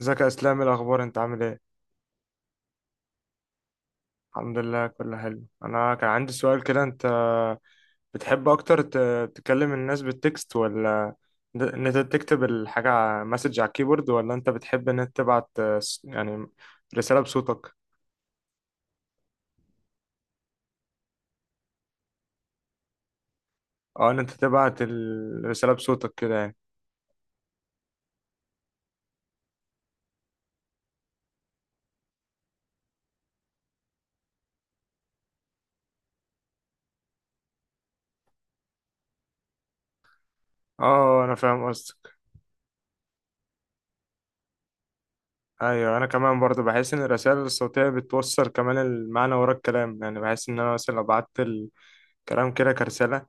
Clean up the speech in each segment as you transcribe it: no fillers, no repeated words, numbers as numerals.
ازيك يا اسلام، إيه الاخبار؟ انت عامل ايه؟ الحمد لله، كله حلو. انا كان عندي سؤال كده. انت بتحب اكتر تكلم الناس بالتكست، ولا ان انت تكتب الحاجه مسج على الكيبورد، ولا انت بتحب ان انت تبعت يعني رساله بصوتك؟ اه، ان انت تبعت الرساله بصوتك كده، يعني. اه، انا فاهم قصدك. ايوه، انا كمان برضه بحس ان الرسائل الصوتيه بتوصل كمان المعنى ورا الكلام، يعني بحس ان انا مثلا لو بعت الكلام كده كرساله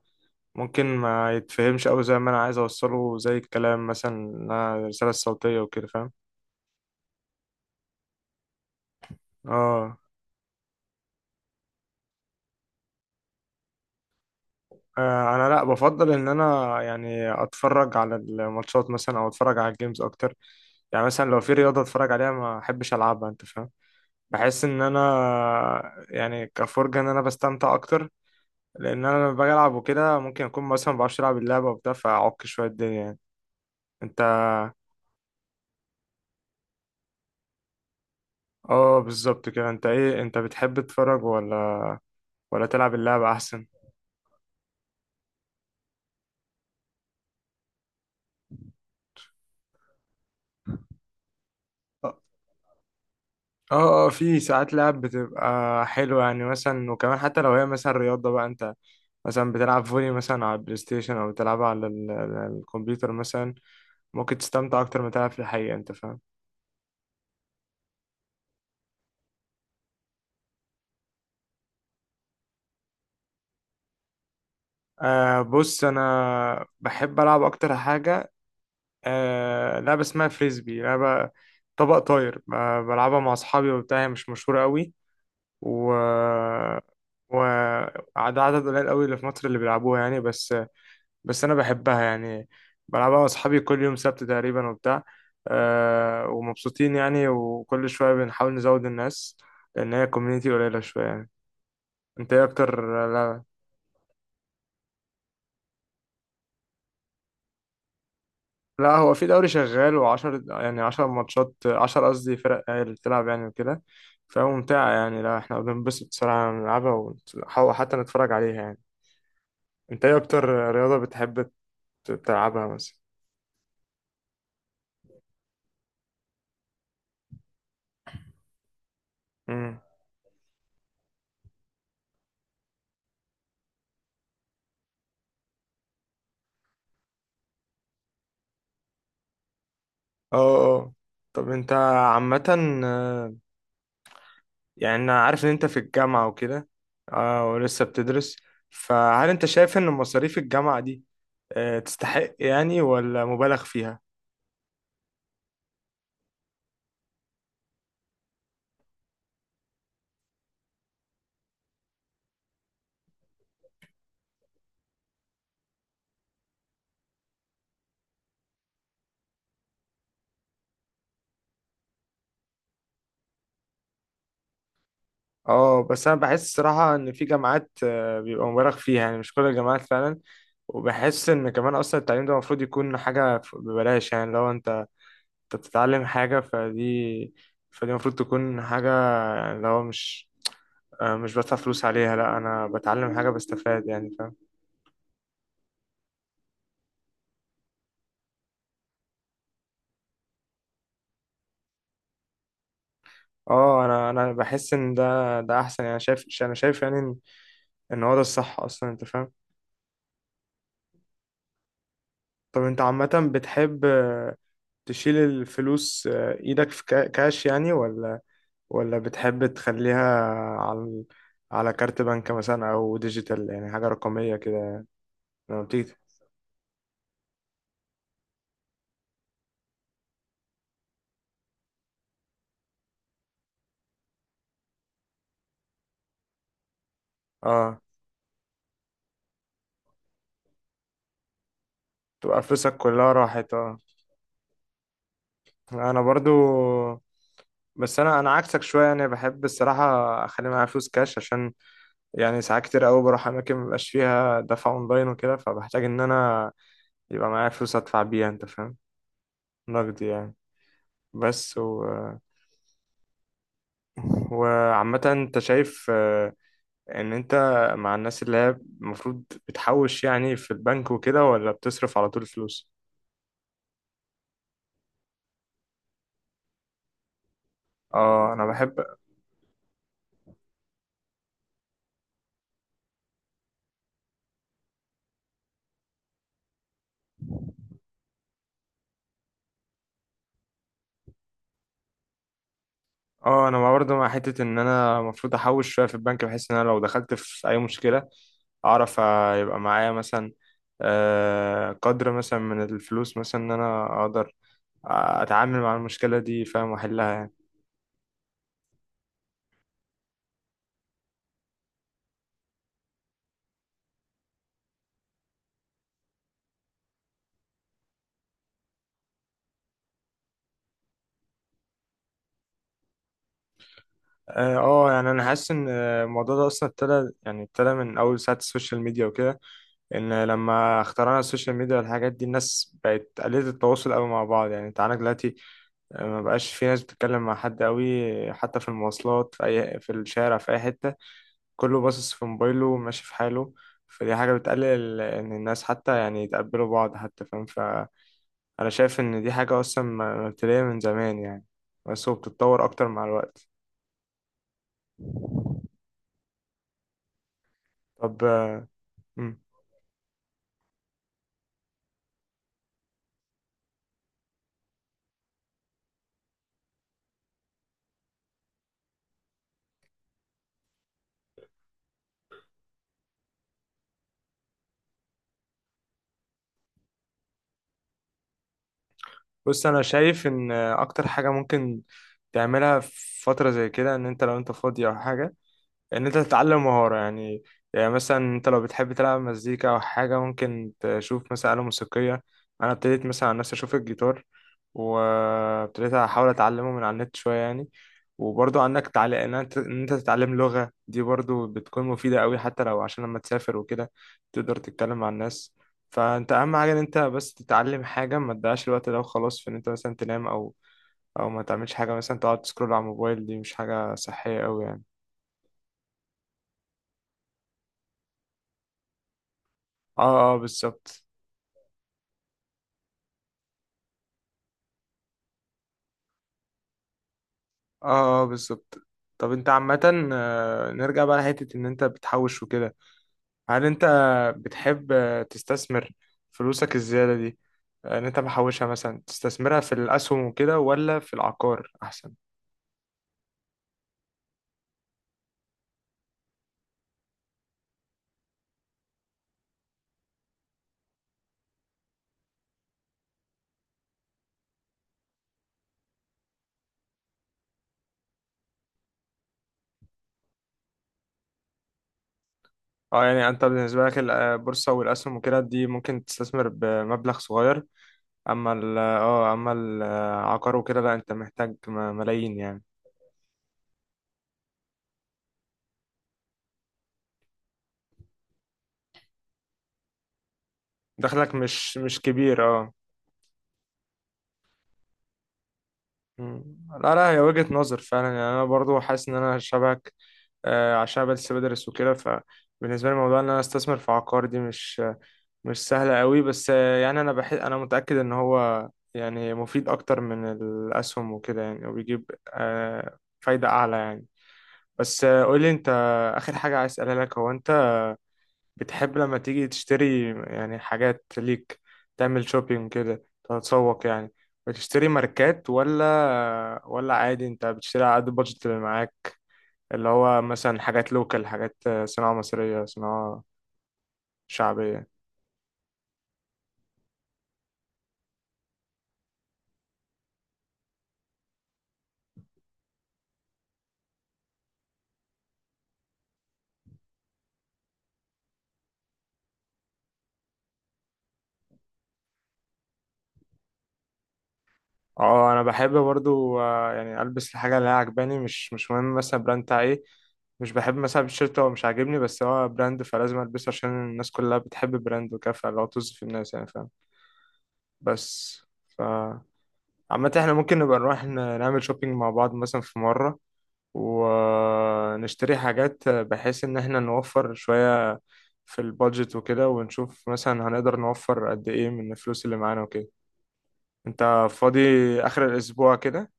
ممكن ما يتفهمش أوي زي ما أنا عايز أوصله، زي الكلام مثلا إنها الرسالة الصوتية وكده، فاهم. آه. أنا لأ، بفضل إن أنا يعني أتفرج على الماتشات مثلا أو أتفرج على الجيمز أكتر. يعني مثلا لو في رياضة أتفرج عليها، ما أحبش ألعبها، أنت فاهم. بحس إن أنا. يعني كفرجة إن أنا بستمتع أكتر. لأن أنا لما باجي ألعب وكده ممكن أكون مثلا مبعرفش ألعب اللعبة وبتاع، فأعك شوية الدنيا يعني. أنت. بالظبط كده. أنت إيه؟ أنت بتحب تتفرج ولا تلعب اللعبة أحسن؟ اه، اه، في ساعات لعب بتبقى حلوة يعني، مثلا. وكمان حتى لو هي مثلا رياضة بقى، انت مثلا بتلعب فولي مثلا على البلاي ستيشن، او بتلعب على الكمبيوتر مثلا، ممكن تستمتع اكتر ما تلعب في الحقيقة، انت فاهم. بص، انا بحب العب اكتر حاجة. لعبة اسمها فريسبي، لعبة طبق طاير. بلعبها مع اصحابي وبتاع، هي مش مشهورة قوي. و و عدد قليل قوي اللي في مصر اللي بيلعبوها يعني. بس انا بحبها يعني. بلعبها مع اصحابي كل يوم سبت تقريبا وبتاع. ومبسوطين يعني، وكل شويه بنحاول نزود الناس، لان هي كوميونيتي قليله شويه يعني. انت ايه اكتر؟ لا، لا، هو في دوري شغال، وعشر يعني عشر ماتشات، عشر قصدي فرق هي اللي بتلعب يعني وكده، فممتعة يعني. لا، احنا بننبسط صراحة نلعبها، ونحاول حتى نتفرج عليها يعني. انت ايه اكتر رياضة بتحب تلعبها مثلا؟ مم. اه، اه، طب انت عامة، يعني انا عارف ان انت في الجامعة وكده، اه، ولسه بتدرس، فهل انت شايف ان مصاريف الجامعة دي تستحق يعني، ولا مبالغ فيها؟ اه، بس انا بحس الصراحة ان في جامعات بيبقى مبالغ فيها، يعني مش كل الجامعات فعلا. وبحس ان كمان اصلا التعليم ده المفروض يكون حاجة ببلاش، يعني لو انت بتتعلم حاجة، فدي المفروض تكون حاجة يعني، لو مش بدفع فلوس عليها، لا انا بتعلم حاجة بستفاد يعني، فاهم. اه، انا بحس ان ده احسن يعني، شايف، انا شايف يعني ان إن هو ده الصح اصلا، انت فاهم. طب انت عامة بتحب تشيل الفلوس ايدك في كاش يعني، ولا ولا بتحب تخليها على على كارت بنك مثلا، او ديجيتال يعني حاجة رقمية كده؟ لما بتيجي. اه. تبقى فلوسك كلها راحت. اه. انا برضو. بس انا عكسك شوية يعني، بحب الصراحة اخلي معايا فلوس كاش، عشان يعني ساعات كتير قوي بروح اماكن مبقاش فيها دفع اونلاين وكده، فبحتاج ان انا يبقى معايا فلوس ادفع بيها، انت فاهم، نقدي يعني. بس. وعامة انت شايف ان انت مع الناس اللي هي المفروض بتحوش يعني في البنك وكده، ولا بتصرف على طول فلوس؟ اه، انا بحب. اه، انا برضه مع حتة ان انا المفروض احوش شوية في البنك، بحيث ان انا لو دخلت في اي مشكلة اعرف يبقى معايا مثلا قدر مثلا من الفلوس، مثلا ان انا اقدر اتعامل مع المشكله دي، فاهم، واحلها يعني. اه، يعني انا حاسس ان الموضوع ده اصلا ابتدى من اول ساعه السوشيال ميديا وكده. ان لما اخترعنا السوشيال ميديا والحاجات دي، الناس بقت قليله التواصل قوي مع بعض يعني. انت عندك دلوقتي ما بقاش في ناس بتتكلم مع حد قوي، حتى في المواصلات، في اي، في الشارع، في اي حته، كله باصص في موبايله وماشي في حاله. فدي حاجه بتقلل ان الناس حتى يعني يتقبلوا بعض حتى، فاهم. انا شايف ان دي حاجة اصلا مبتدئية من زمان يعني، بس هو بتتطور اكتر مع الوقت. طب. مم. بص انا شايف ان اكتر حاجة ممكن تعملها في فترة زي كده، ان انت لو انت فاضي او حاجة، ان انت تتعلم مهارة يعني. يعني مثلا انت لو بتحب تلعب مزيكا او حاجة، ممكن تشوف مثلا آلة موسيقية. انا ابتديت مثلا عن نفسي اشوف الجيتار، وابتديت احاول اتعلمه من على النت شوية يعني. وبرضه عندك تعليق ان انت إن أنت تتعلم لغة دي برضه بتكون مفيدة قوي، حتى لو عشان لما تسافر وكده تقدر تتكلم مع الناس. فانت اهم حاجة ان انت بس تتعلم حاجة، ما تضيعش الوقت ده وخلاص في ان انت مثلا تنام، او او ما تعملش حاجة مثلا، تقعد تسكرول على الموبايل، دي مش حاجة صحية قوي يعني. اه، اه، بالظبط. اه، اه، بالظبط. طب انت عامة، نرجع بقى لحتة ان انت بتحوش وكده، هل انت بتحب تستثمر فلوسك الزيادة دي، ان انت محوشها مثلا تستثمرها في الاسهم وكده، ولا في العقار احسن؟ اه، يعني انت بالنسبة لك البورصة والاسهم وكده دي ممكن تستثمر بمبلغ صغير، اما ال اه اما العقار وكده لا، انت محتاج ملايين يعني. دخلك مش كبير. مم. لا، لا، هي وجهة نظر فعلا يعني. انا برضو حاسس ان انا شبهك، عشان بس بدرس وكده، فبالنسبه لي موضوع ان انا استثمر في عقار دي مش مش سهله قوي. بس يعني انا بحس، انا متاكد ان هو يعني مفيد اكتر من الاسهم وكده يعني، وبيجيب فايده اعلى يعني. بس قول لي انت، اخر حاجه عايز اسالها لك، هو انت بتحب لما تيجي تشتري يعني حاجات ليك، تعمل شوبينج كده، تتسوق يعني، بتشتري ماركات، ولا عادي انت بتشتري على قد البادجت اللي معاك، اللي هو مثلا حاجات لوكال، حاجات صناعة مصرية، صناعة شعبية؟ اه، انا بحب برضو، يعني البس الحاجة اللي هي عجباني، مش مهم مثلا البراند بتاع ايه. مش بحب مثلا التيشيرت هو مش عاجبني، بس هو براند فلازم البسه عشان الناس كلها بتحب البراند وكده، فلو طز في الناس يعني، فاهم. بس، ف عامة احنا ممكن نبقى نروح نعمل شوبينج مع بعض مثلا في مرة، ونشتري حاجات بحيث ان احنا نوفر شوية في البادجت وكده، ونشوف مثلا هنقدر نوفر قد ايه من الفلوس اللي معانا وكده. انت فاضي اخر الاسبوع كده؟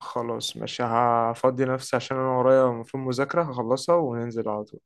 خلاص، ماشي، هفضي نفسي عشان انا ورايا المفروض مذاكرة هخلصها وننزل على طول.